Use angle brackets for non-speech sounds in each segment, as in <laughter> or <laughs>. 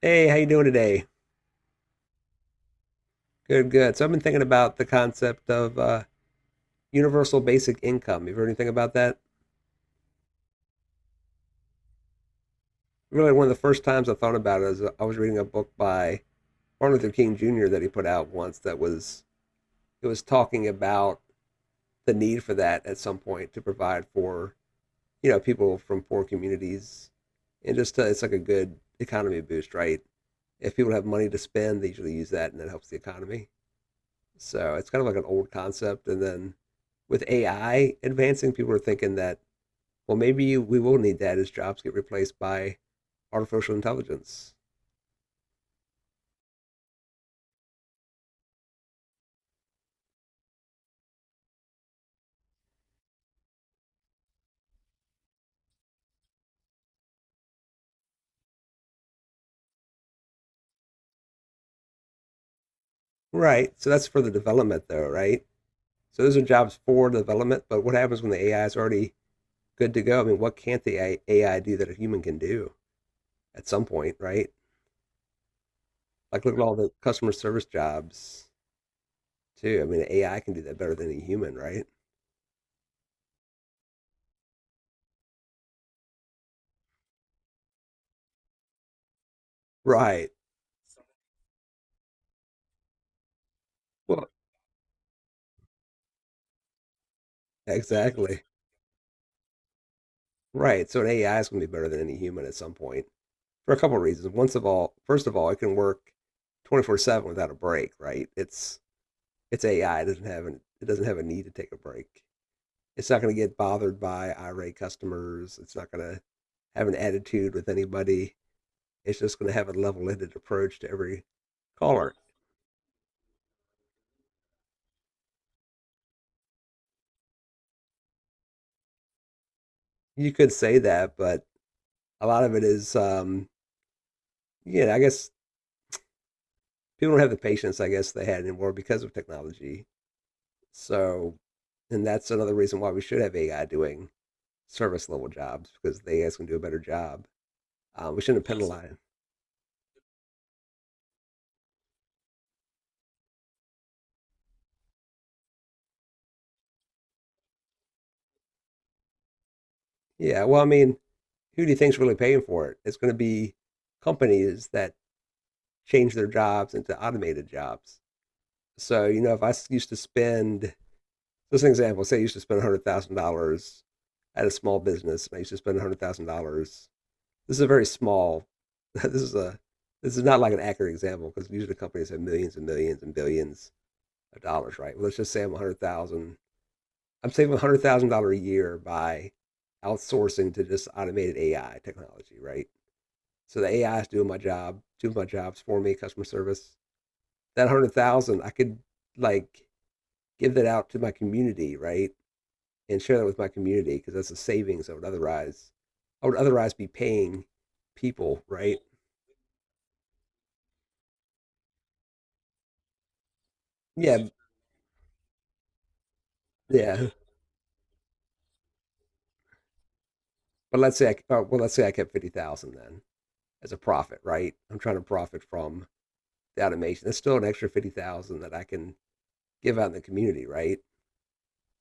Hey, how you doing today? Good, good. So I've been thinking about the concept of universal basic income. You've heard anything about that? Really, one of the first times I thought about it is I was reading a book by Martin Luther King Jr. that he put out once that was it was talking about the need for that at some point to provide for people from poor communities and it's like a good economy boost, right? If people have money to spend, they usually use that and that helps the economy. So it's kind of like an old concept. And then with AI advancing, people are thinking that, well, maybe we will need that as jobs get replaced by artificial intelligence. Right. So that's for the development, though, right? So those are jobs for development. But what happens when the AI is already good to go? I mean, what can't the AI do that a human can do at some point, right? Like, look at all the customer service jobs, too. I mean, AI can do that better than a human, right? Right. Well, exactly. Right. So an AI is going to be better than any human at some point for a couple of reasons. First of all, it can work 24/7 without a break, right? It's AI. It doesn't have a need to take a break. It's not going to get bothered by irate customers. It's not going to have an attitude with anybody. It's just going to have a level-headed approach to every caller. You could say that, but a lot of it is, yeah, I guess people don't have the patience I guess they had anymore because of technology. So, and that's another reason why we should have AI doing service level jobs because the AI's going to do a better job. We shouldn't, yes, penalize. Yeah. Well, I mean, who do you think's really paying for it? It's going to be companies that change their jobs into automated jobs. So, if I used to spend, just an example, say I used to spend $100,000 at a small business and I used to spend $100,000. This is a very small, <laughs> this is a, this is not like an accurate example because usually companies have millions and millions and billions dollars, right? Well, let's just say I'm 100,000. I'm saving $100,000 a year by outsourcing to just automated AI technology, right? So the AI is doing my job, doing my jobs for me, customer service. That 100,000 dollars, I could, like, give that out to my community, right? And share that with my community because that's a savings I would otherwise be paying people, right? Yeah, yeah. But let's say I kept 50,000 then as a profit, right? I'm trying to profit from automation. That's still an extra 50,000 that I can give out in the community, right?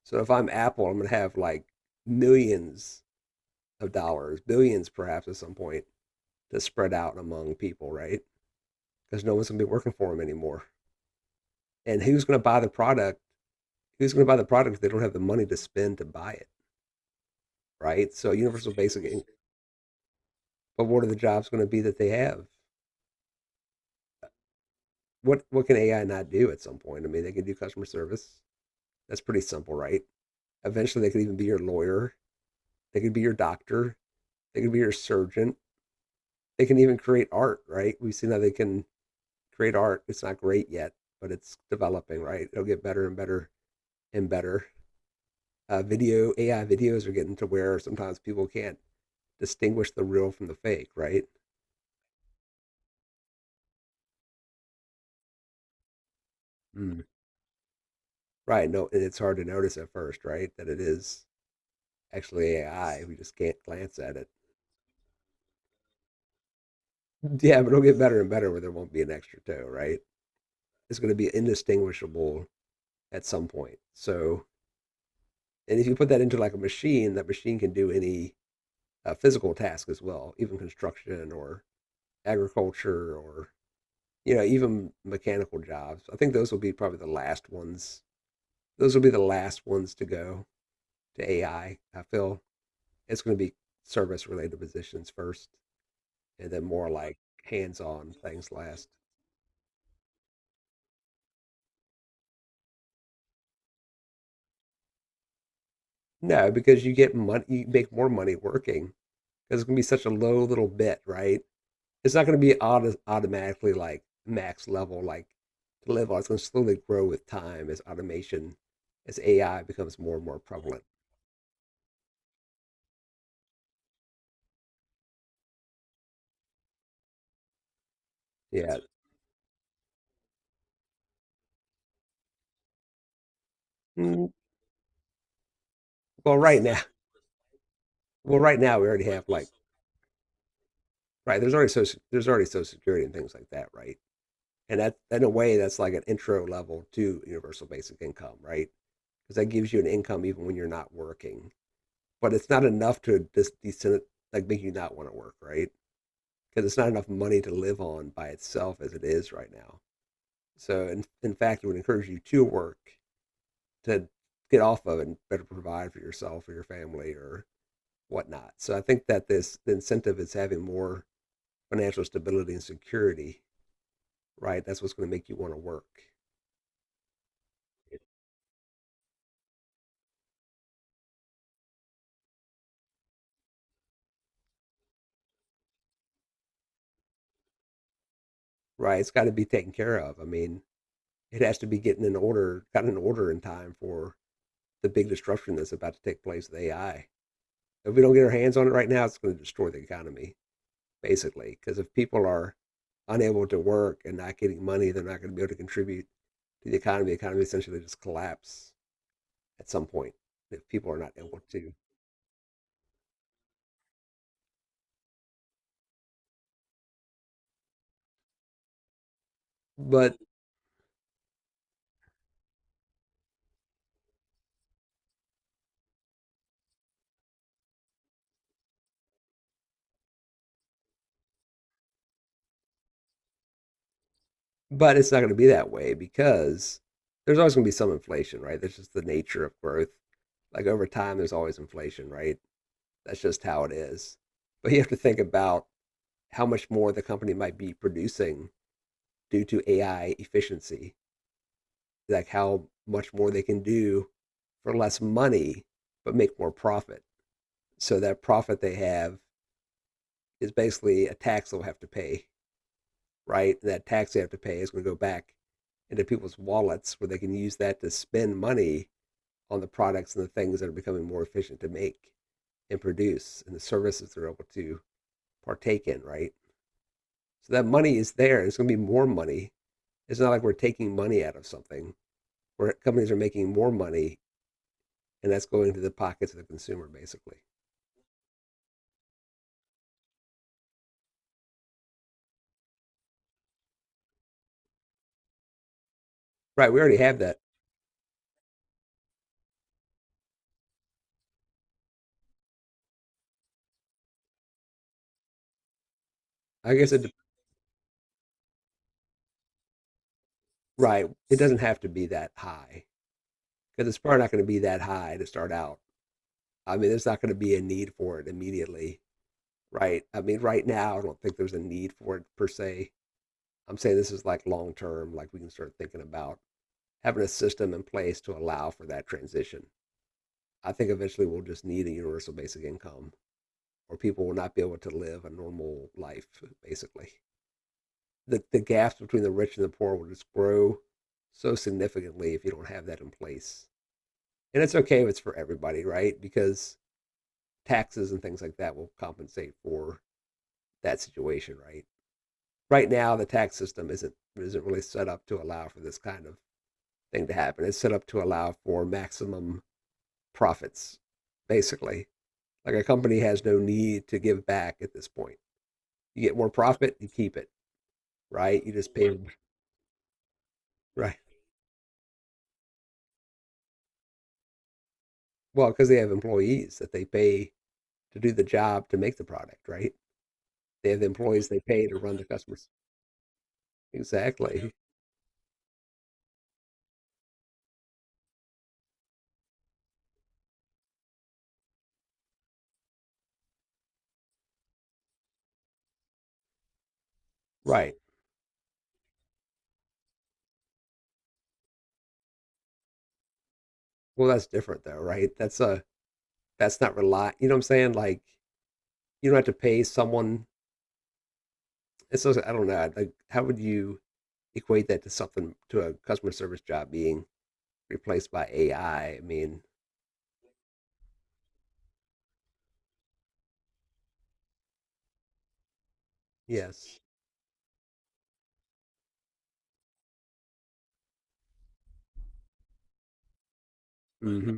So if I'm Apple, I'm gonna have like millions of dollars, billions perhaps at some point to spread out among people, right? Because no one's gonna be working for them anymore. And who's gonna buy the product? Who's gonna buy the product if they don't have the money to spend to buy it, right? So universal basic. But what are the jobs gonna be that they have? What can AI not do at some point? I mean, they can do customer service. That's pretty simple, right? Eventually, they could even be your lawyer. They could be your doctor. They can be your surgeon. They can even create art, right? We've seen that they can create art. It's not great yet, but it's developing, right? It'll get better and better and better. Video AI videos are getting to where sometimes people can't distinguish the real from the fake, right? Mm. Right. No, and it's hard to notice at first, right? That it is actually AI. We just can't glance at it. Yeah, but it'll get better and better where there won't be an extra toe, right? It's going to be indistinguishable at some point. And if you put that into like a machine, that machine can do any physical task as well, even construction or agriculture or even mechanical jobs. I think those will be probably the last ones. Those will be the last ones to go to AI. I feel it's going to be service related positions first, and then more like hands on things last. No, because you get money, you make more money working because it's going to be such a low little bit, right? It's not going to be automatically like max level like to live on. It's going to slowly grow with time as automation, as AI becomes more and more prevalent. Yeah. Mm, Well, right now, we already have like right. There's already social security and things like that, right? And that in a way that's like an intro level to universal basic income, right? Because that gives you an income even when you're not working, but it's not enough to just decent like make you not want to work, right? Because it's not enough money to live on by itself as it is right now. So, in fact, it would encourage you to work to get off of it and better provide for yourself or your family or whatnot. So, I think that this the incentive is having more financial stability and security, right? That's what's going to make you want to work, right? It's got to be taken care of. I mean, it has to be got in order in time for the big disruption that's about to take place with AI. If we don't get our hands on it right now, it's going to destroy the economy, basically. Because if people are unable to work and not getting money, they're not going to be able to contribute to the economy. The economy essentially just collapse at some point if people are not able to. But but it's not going to be that way because there's always going to be some inflation, right? That's just the nature of growth. Like over time, there's always inflation, right? That's just how it is. But you have to think about how much more the company might be producing due to AI efficiency like how much more they can do for less money but make more profit. So that profit they have is basically a tax they'll have to pay, right? And that tax they have to pay is going to go back into people's wallets where they can use that to spend money on the products and the things that are becoming more efficient to make and produce and the services they're able to partake in, right? So that money is there and it's going to be more money. It's not like we're taking money out of something where companies are making more money and that's going to the pockets of the consumer, basically. Right. We already have that. I guess it. Right. It doesn't have to be that high because it's probably not going to be that high to start out. I mean, there's not going to be a need for it immediately, right? I mean, right now, I don't think there's a need for it per se. I'm saying this is like long term, like we can start thinking about having a system in place to allow for that transition. I think eventually we'll just need a universal basic income, or people will not be able to live a normal life, basically. The gaps between the rich and the poor will just grow so significantly if you don't have that in place. And it's okay if it's for everybody, right? Because taxes and things like that will compensate for that situation, right? Right now, the tax system isn't really set up to allow for this kind of thing to happen. It's set up to allow for maximum profits, basically. Like a company has no need to give back at this point. You get more profit, you keep it, right? You just pay, right? <laughs> Well, because they have employees that they pay to do the job to make the product, right? They have the employees they pay to run the customers. Exactly. Yeah. Right. Well, that's different though, right? That's not rely. You know what I'm saying? Like you don't have to pay someone. It's just, I don't know. Like how would you equate that to something to a customer service job being replaced by AI? I mean, yes. Hmm.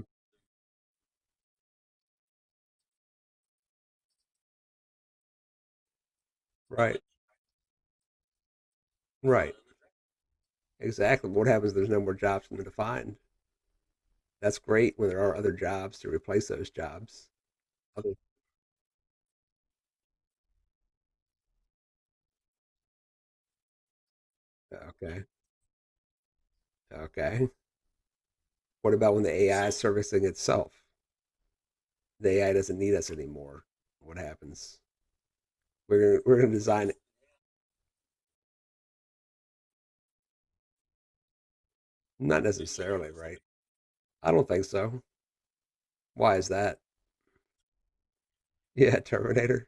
Right. Right. Exactly. What happens if there's no more jobs for them to find. That's great when there are other jobs to replace those jobs. Other, okay. Okay. What about when the AI is servicing itself? The AI doesn't need us anymore. What happens? We're going to design it. Not necessarily, right? I don't think so. Why is that? <laughs> Yeah, Terminator.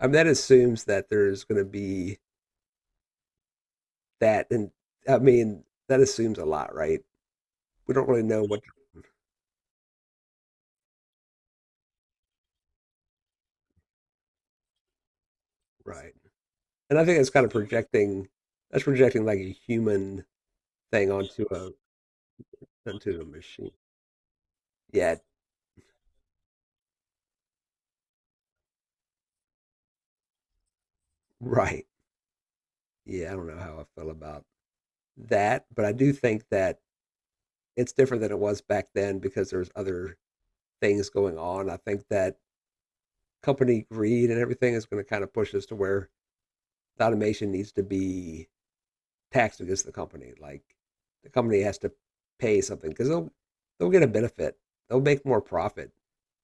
I mean, that assumes that there's going to be that, and I mean, that assumes a lot, right? We don't really know what. <laughs> Right? And I think that's kind of projecting. That's projecting like a human thing onto a machine. Yeah, right. Yeah, I don't know how I feel about that, but I do think that it's different than it was back then because there's other things going on. I think that company greed and everything is going to kind of push us to where the automation needs to be taxed against the company. Like the company has to pay something because they'll get a benefit, they'll make more profit,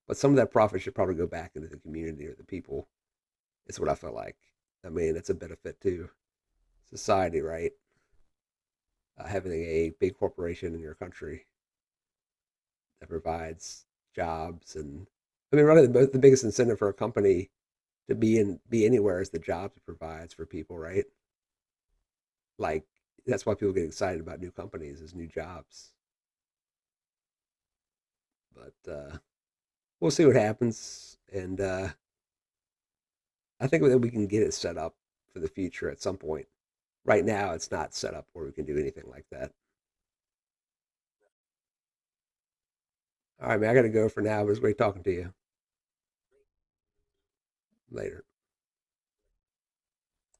but some of that profit should probably go back into the community or the people. It's what I feel like. I mean, it's a benefit to society, right? Having a big corporation in your country that provides jobs and I mean, really, the biggest incentive for a company to be anywhere is the jobs it provides for people, right? Like that's why people get excited about new companies is new jobs. But we'll see what happens, and I think that we can get it set up for the future at some point. Right now, it's not set up where we can do anything like that. All right, man, I got to go for now. But it was great talking to you. Later.